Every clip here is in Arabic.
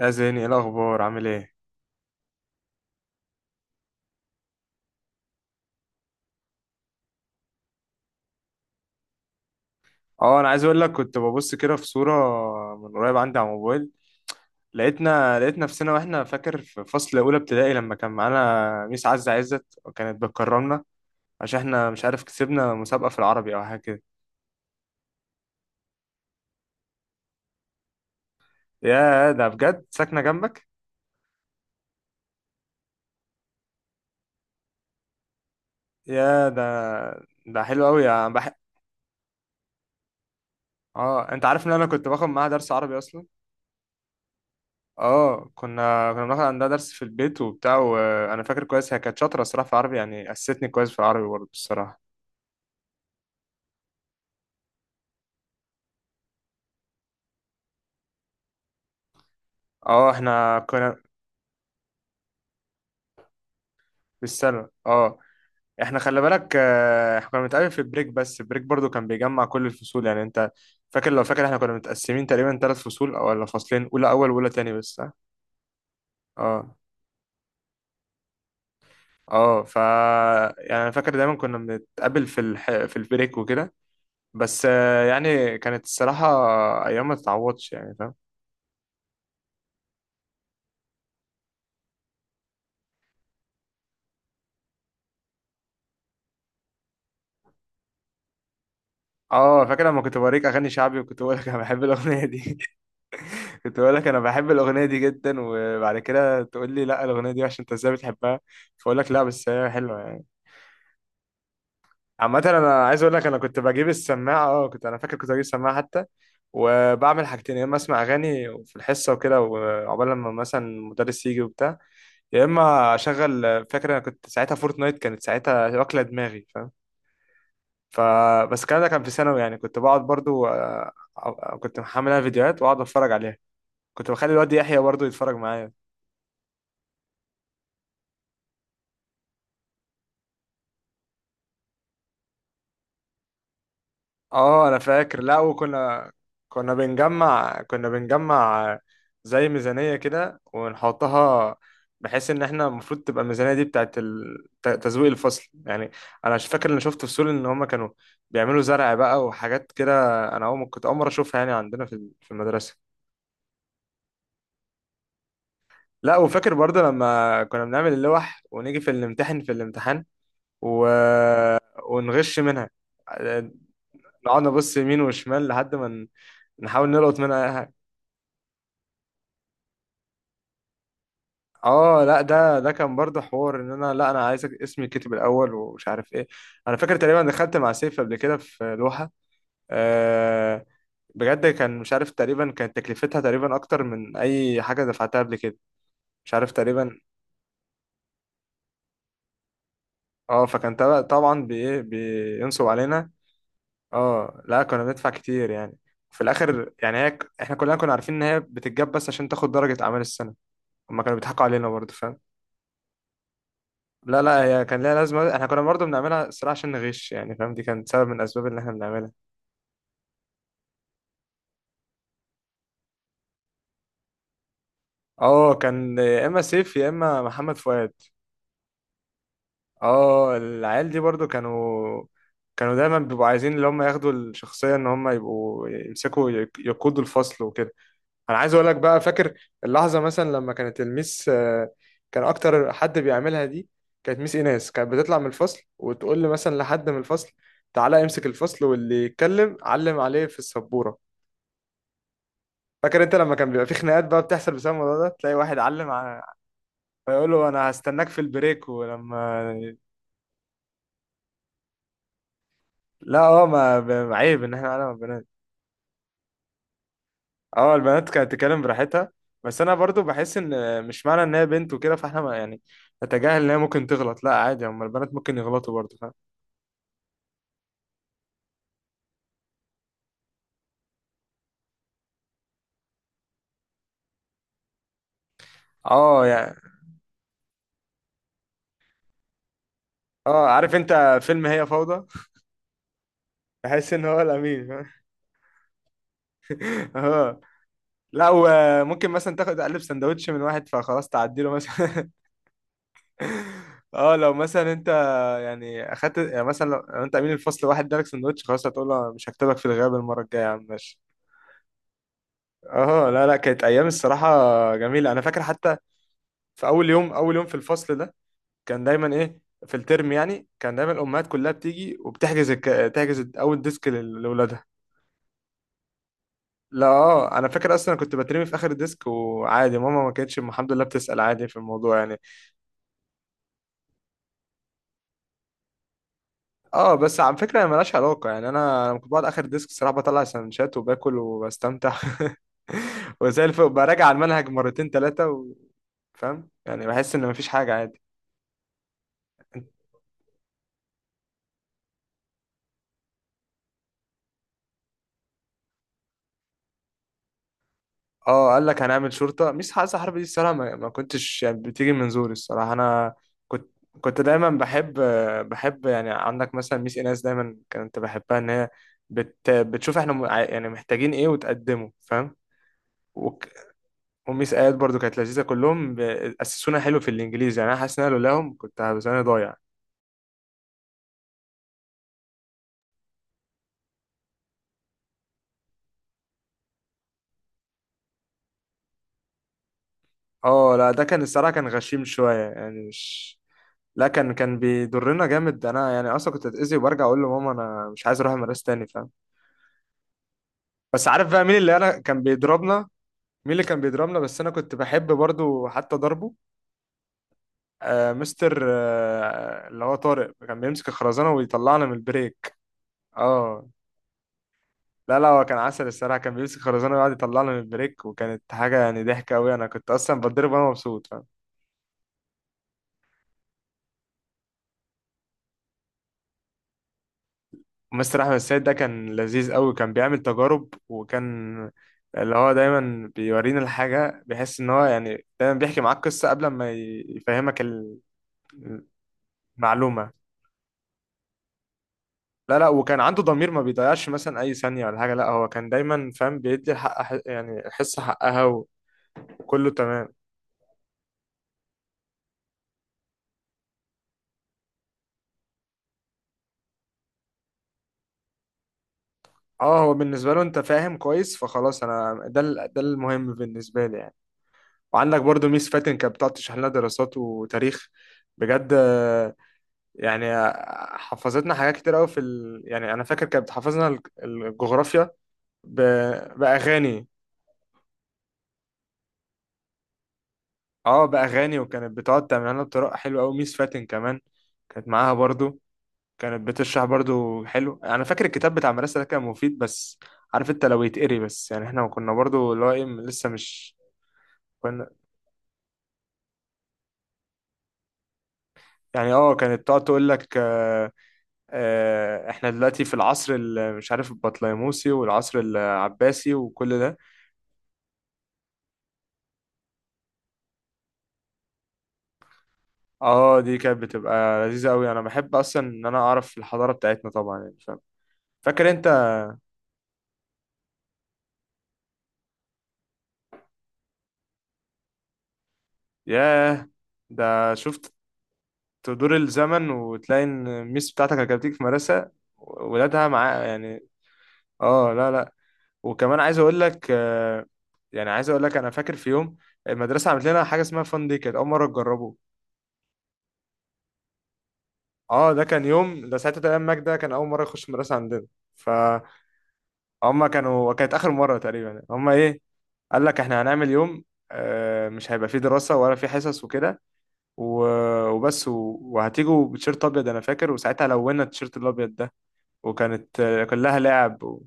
يا زيني، ايه الاخبار؟ عامل ايه؟ اه، انا عايز اقول لك كنت ببص كده في صوره من قريب عندي على الموبايل، لقيت نفسنا واحنا فاكر في فصل اولى ابتدائي لما كان معانا ميس عزه عزت وكانت بتكرمنا عشان احنا، مش عارف، كسبنا مسابقه في العربي او حاجه كده. يا ده، بجد ساكنه جنبك؟ يا ده، ده حلو قوي اه، انت عارف ان انا كنت باخد معاها درس عربي اصلا. اه، كنا بناخد عندها درس في البيت وبتاع، وانا فاكر كويس هي كانت شاطره الصراحه في العربي، يعني اسستني كويس في العربي برضه الصراحه. اه احنا كنا بالسنة. اه، احنا خلي بالك، احنا كنا بنتقابل في البريك، بس البريك برضو كان بيجمع كل الفصول، يعني انت فاكر، لو فاكر احنا كنا متقسمين تقريبا ثلاث فصول او ولا فصلين، اولى اول واولى تاني بس، ها؟ اه اه، يعني انا فاكر دايما كنا بنتقابل في البريك وكده، بس يعني كانت الصراحة ايام ما تتعوضش، يعني فاهم. اه، فاكر لما كنت بوريك اغاني شعبي، وكنت بقول لك انا بحب الاغنية دي، كنت بقول لك انا بحب الاغنيه دي جدا، وبعد كده تقول لي لا الاغنيه دي عشان انت ازاي بتحبها. فاقول لك لا بس هي حلوه يعني. عامه، انا عايز اقول لك انا كنت بجيب السماعه، اه كنت انا فاكر كنت بجيب سماعه حتى، وبعمل حاجتين: يا اما اسمع اغاني في الحصه وكده وعقبال لما مثلا المدرس يجي وبتاع، يا اما اشغل. فاكر انا كنت ساعتها فورتنايت كانت ساعتها واكله دماغي، فاهم؟ فبس الكلام ده كان في ثانوي، يعني كنت بقعد برضو. كنت محملها فيديوهات واقعد اتفرج عليها، كنت بخلي الواد يحيى برضو يتفرج معايا. اه، انا فاكر. لا، وكنا كنا بنجمع كنا بنجمع زي ميزانية كده ونحطها، بحيث ان احنا المفروض تبقى الميزانية دي بتاعت تزويق الفصل يعني. انا مش فاكر اللي شفته في سول ان هما كانوا بيعملوا زرع بقى وحاجات كده، انا كنت اول مرة اشوفها يعني عندنا في المدرسة. لا، وفاكر برضه لما كنا بنعمل اللوح ونيجي في الامتحان و... ونغش منها، آه، نقعد نبص يمين وشمال لحد ما نحاول نلقط منها. اه لا، ده كان برضه حوار ان انا، لا انا عايز اسمي يتكتب الاول ومش عارف ايه. انا فاكر تقريبا دخلت مع سيف قبل كده في لوحه. أه، بجد، كان مش عارف، تقريبا كانت تكلفتها تقريبا اكتر من اي حاجه دفعتها قبل كده، مش عارف تقريبا. اه، فكان طبعا بي إيه، بينصب علينا. اه لا، كنا بندفع كتير يعني، في الاخر يعني هي احنا كلنا كنا عارفين ان هي بتتجاب بس عشان تاخد درجه اعمال السنه، هما كانوا بيضحكوا علينا برضه. لا لا، هي كان ليها لازمة، احنا كنا برضه بنعملها الصراحة عشان نغش، يعني فاهم، دي كانت سبب من الأسباب اللي احنا بنعملها. اه، كان يا إما سيف يا إما محمد فؤاد. اه، العيال دي برضه كانوا، كانوا دايما بيبقوا عايزين اللي هم ياخدوا الشخصية، ان هم يبقوا يمسكوا، يقودوا الفصل وكده. انا عايز اقول لك بقى فاكر اللحظة مثلا لما كانت الميس، كان اكتر حد بيعملها دي كانت ميس ايناس، كانت بتطلع من الفصل وتقول لي مثلا لحد من الفصل: تعالى امسك الفصل واللي يتكلم علم عليه في السبورة. فاكر انت لما كان بيبقى في خناقات بقى بتحصل بسبب الموضوع ده تلاقي واحد علم فيقول له انا هستناك في البريك ولما. لا اه، ما ب- عيب ان احنا علم البنات. اه، البنات كانت تتكلم براحتها، بس انا برضو بحس ان مش معنى ان هي بنت وكده فاحنا يعني نتجاهل ان هي ممكن تغلط، لا، عادي، هم البنات ممكن يغلطوا برضو، فاهم. اه، يعني. اه، عارف انت فيلم هي فوضى؟ بحس ان هو الامين، فاهم؟ اه، لا، وممكن مثلا تاخد قلب سندوتش من واحد فخلاص تعدي له مثلا. اه، لو مثلا، يعني اخدت يعني مثلا، لو انت امين الفصل واحد ادالك سندوتش، خلاص هتقول له مش هكتبك في الغياب المره الجايه، يا عم ماشي. اه لا لا، كانت ايام الصراحه جميله. انا فاكر حتى في اول يوم في الفصل ده، كان دايما ايه، في الترم يعني كان دايما الامهات كلها بتيجي تحجز اول ديسك لاولادها. لا اه، انا فاكر اصلا كنت بترمي في اخر الديسك، وعادي ماما ما كانتش الحمد لله بتسال عادي في الموضوع يعني. اه، بس على فكره هي ملهاش علاقه يعني، انا لما كنت بقعد اخر ديسك الصراحه بطلع سندوتشات وباكل وبستمتع، وزي الفل براجع على المنهج مرتين ثلاثه فاهم يعني، بحس ان مفيش حاجه، عادي. اه، قال لك هنعمل شرطه، مش حاسه حرب دي الصراحه، ما كنتش يعني بتيجي من زوري الصراحه انا. كنت، كنت دايما بحب، بحب يعني عندك مثلا ميس ايناس دايما كنت بحبها ان هي، بتشوف احنا يعني محتاجين ايه وتقدمه، فاهم. وميس آيات برضو كانت لذيذة، كلهم أسسونا حلو في الإنجليزي، يعني أنا حاسس إن أنا لولاهم كنت هبقى زماني ضايع. اه لا، ده كان الصراحة كان غشيم شوية، يعني مش. لا كان بيضرنا جامد، أنا يعني أصلا كنت أتأذي وبرجع أقول لماما أنا مش عايز أروح المدرسة تاني، فاهم. بس عارف بقى مين اللي أنا كان بيضربنا، مين اللي كان بيضربنا بس أنا كنت بحب برضو حتى ضربه؟ مستر، اللي هو طارق، كان بيمسك الخرزانة ويطلعنا من البريك. اه لا لا، هو كان عسل الصراحه، كان بيمسك خرزانه ويقعد يطلعنا من البريك، وكانت حاجه يعني ضحكه قوي، انا كنت اصلا بتضرب وانا مبسوط، فاهم. مستر احمد السيد ده كان لذيذ قوي، كان بيعمل تجارب، وكان اللي هو دايما بيورينا الحاجه، بيحس ان هو يعني دايما بيحكي معاك قصه قبل ما يفهمك المعلومه. لا لا، وكان عنده ضمير ما بيضيعش مثلا اي ثانيه ولا حاجه، لا هو كان دايما فاهم بيدي الحق، يعني الحصه حقها، وكله تمام. اه، هو بالنسبه له انت فاهم كويس فخلاص، انا ده المهم بالنسبه لي يعني. وعندك برضو ميس فاتن، كانت بتقعد تشرح لنا دراسات وتاريخ، بجد. يعني حفظتنا حاجات كتير قوي في يعني انا فاكر كانت بتحفظنا الجغرافيا ب... باغاني. اه، باغاني، وكانت بتقعد تعمل لنا بطريقه حلوه قوي ميس فاتن كمان، كانت معاها برضو، كانت بتشرح برضو حلو. انا فاكر الكتاب بتاع المدرسه ده كان مفيد، بس عارف انت لو يتقري بس، يعني احنا كنا برضو اللي هو ايه لسه مش كنا يعني. اه، كانت تقعد تقول لك احنا دلوقتي في العصر مش عارف البطليموسي والعصر العباسي وكل ده. اه، دي كانت بتبقى لذيذة قوي، انا بحب اصلا ان انا اعرف الحضارة بتاعتنا طبعا، يعني فاهم. فاكر انت، ياه، ده شفت، تدور الزمن وتلاقي ان الميس بتاعتك اللي كانت بتيجي في مدرسة ولادها معاه يعني. اه لا لا، وكمان عايز اقول لك يعني عايز اقول لك انا فاكر في يوم المدرسة عملت لنا حاجة اسمها فان، دي كانت اول مرة تجربه. اه، ده كان يوم، ده ساعتها تمام، ماك ده كان اول مره يخش المدرسه عندنا، فهم. كانت اخر مره تقريبا، هم ايه، قال لك احنا هنعمل يوم مش هيبقى فيه دراسه ولا فيه حصص وكده، وبس، وهتيجوا بتيشيرت ابيض انا فاكر، وساعتها لونا التيشيرت الابيض ده، وكانت كلها لعب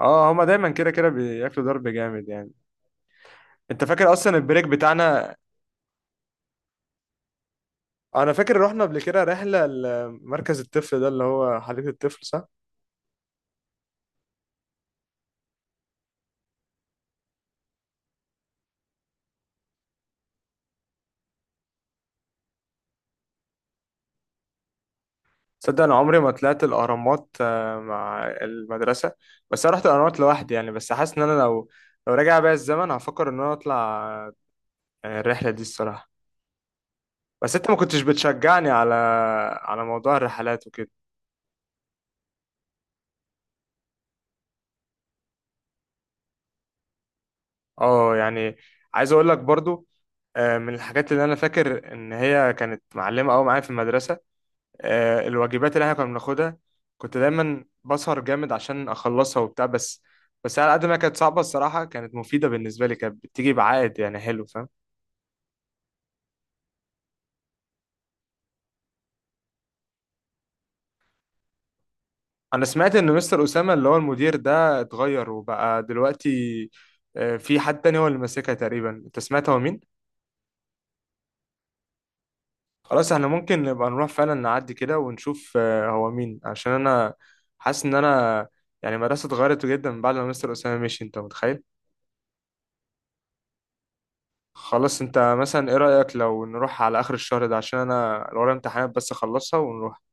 اه، هما دايما كده كده بياكلوا ضرب جامد يعني. انت فاكر اصلا البريك بتاعنا. انا فاكر رحنا قبل كده رحله لمركز الطفل ده، اللي هو حديقه الطفل، صح؟ تصدق انا عمري ما طلعت الاهرامات مع المدرسه، بس انا رحت الاهرامات لوحدي يعني، بس حاسس ان انا لو، لو راجع بيا الزمن هفكر ان انا اطلع الرحله دي الصراحه. بس انت ما كنتش بتشجعني على، على موضوع الرحلات وكده. اه، يعني، عايز اقول لك برضو من الحاجات اللي انا فاكر ان هي كانت معلمه قوي معايا في المدرسه، الواجبات اللي احنا كنا بناخدها، كنت دايما بسهر جامد عشان اخلصها وبتاع، بس بس على قد ما كانت صعبة الصراحة كانت مفيدة بالنسبة لي، كانت بتيجي بعائد يعني حلو، فاهم. انا سمعت ان مستر أسامة اللي هو المدير ده اتغير، وبقى دلوقتي في حد تاني هو اللي ماسكها تقريبا، انت سمعت هو مين؟ خلاص، احنا ممكن نبقى نروح فعلا نعدي كده ونشوف هو مين، عشان انا حاسس ان انا يعني المدرسة اتغيرت جدا بعد ما مستر أسامة مشي، انت متخيل؟ خلاص، انت مثلا ايه رأيك لو نروح على اخر الشهر ده، عشان انا لو ورايا امتحانات بس اخلصها ونروح.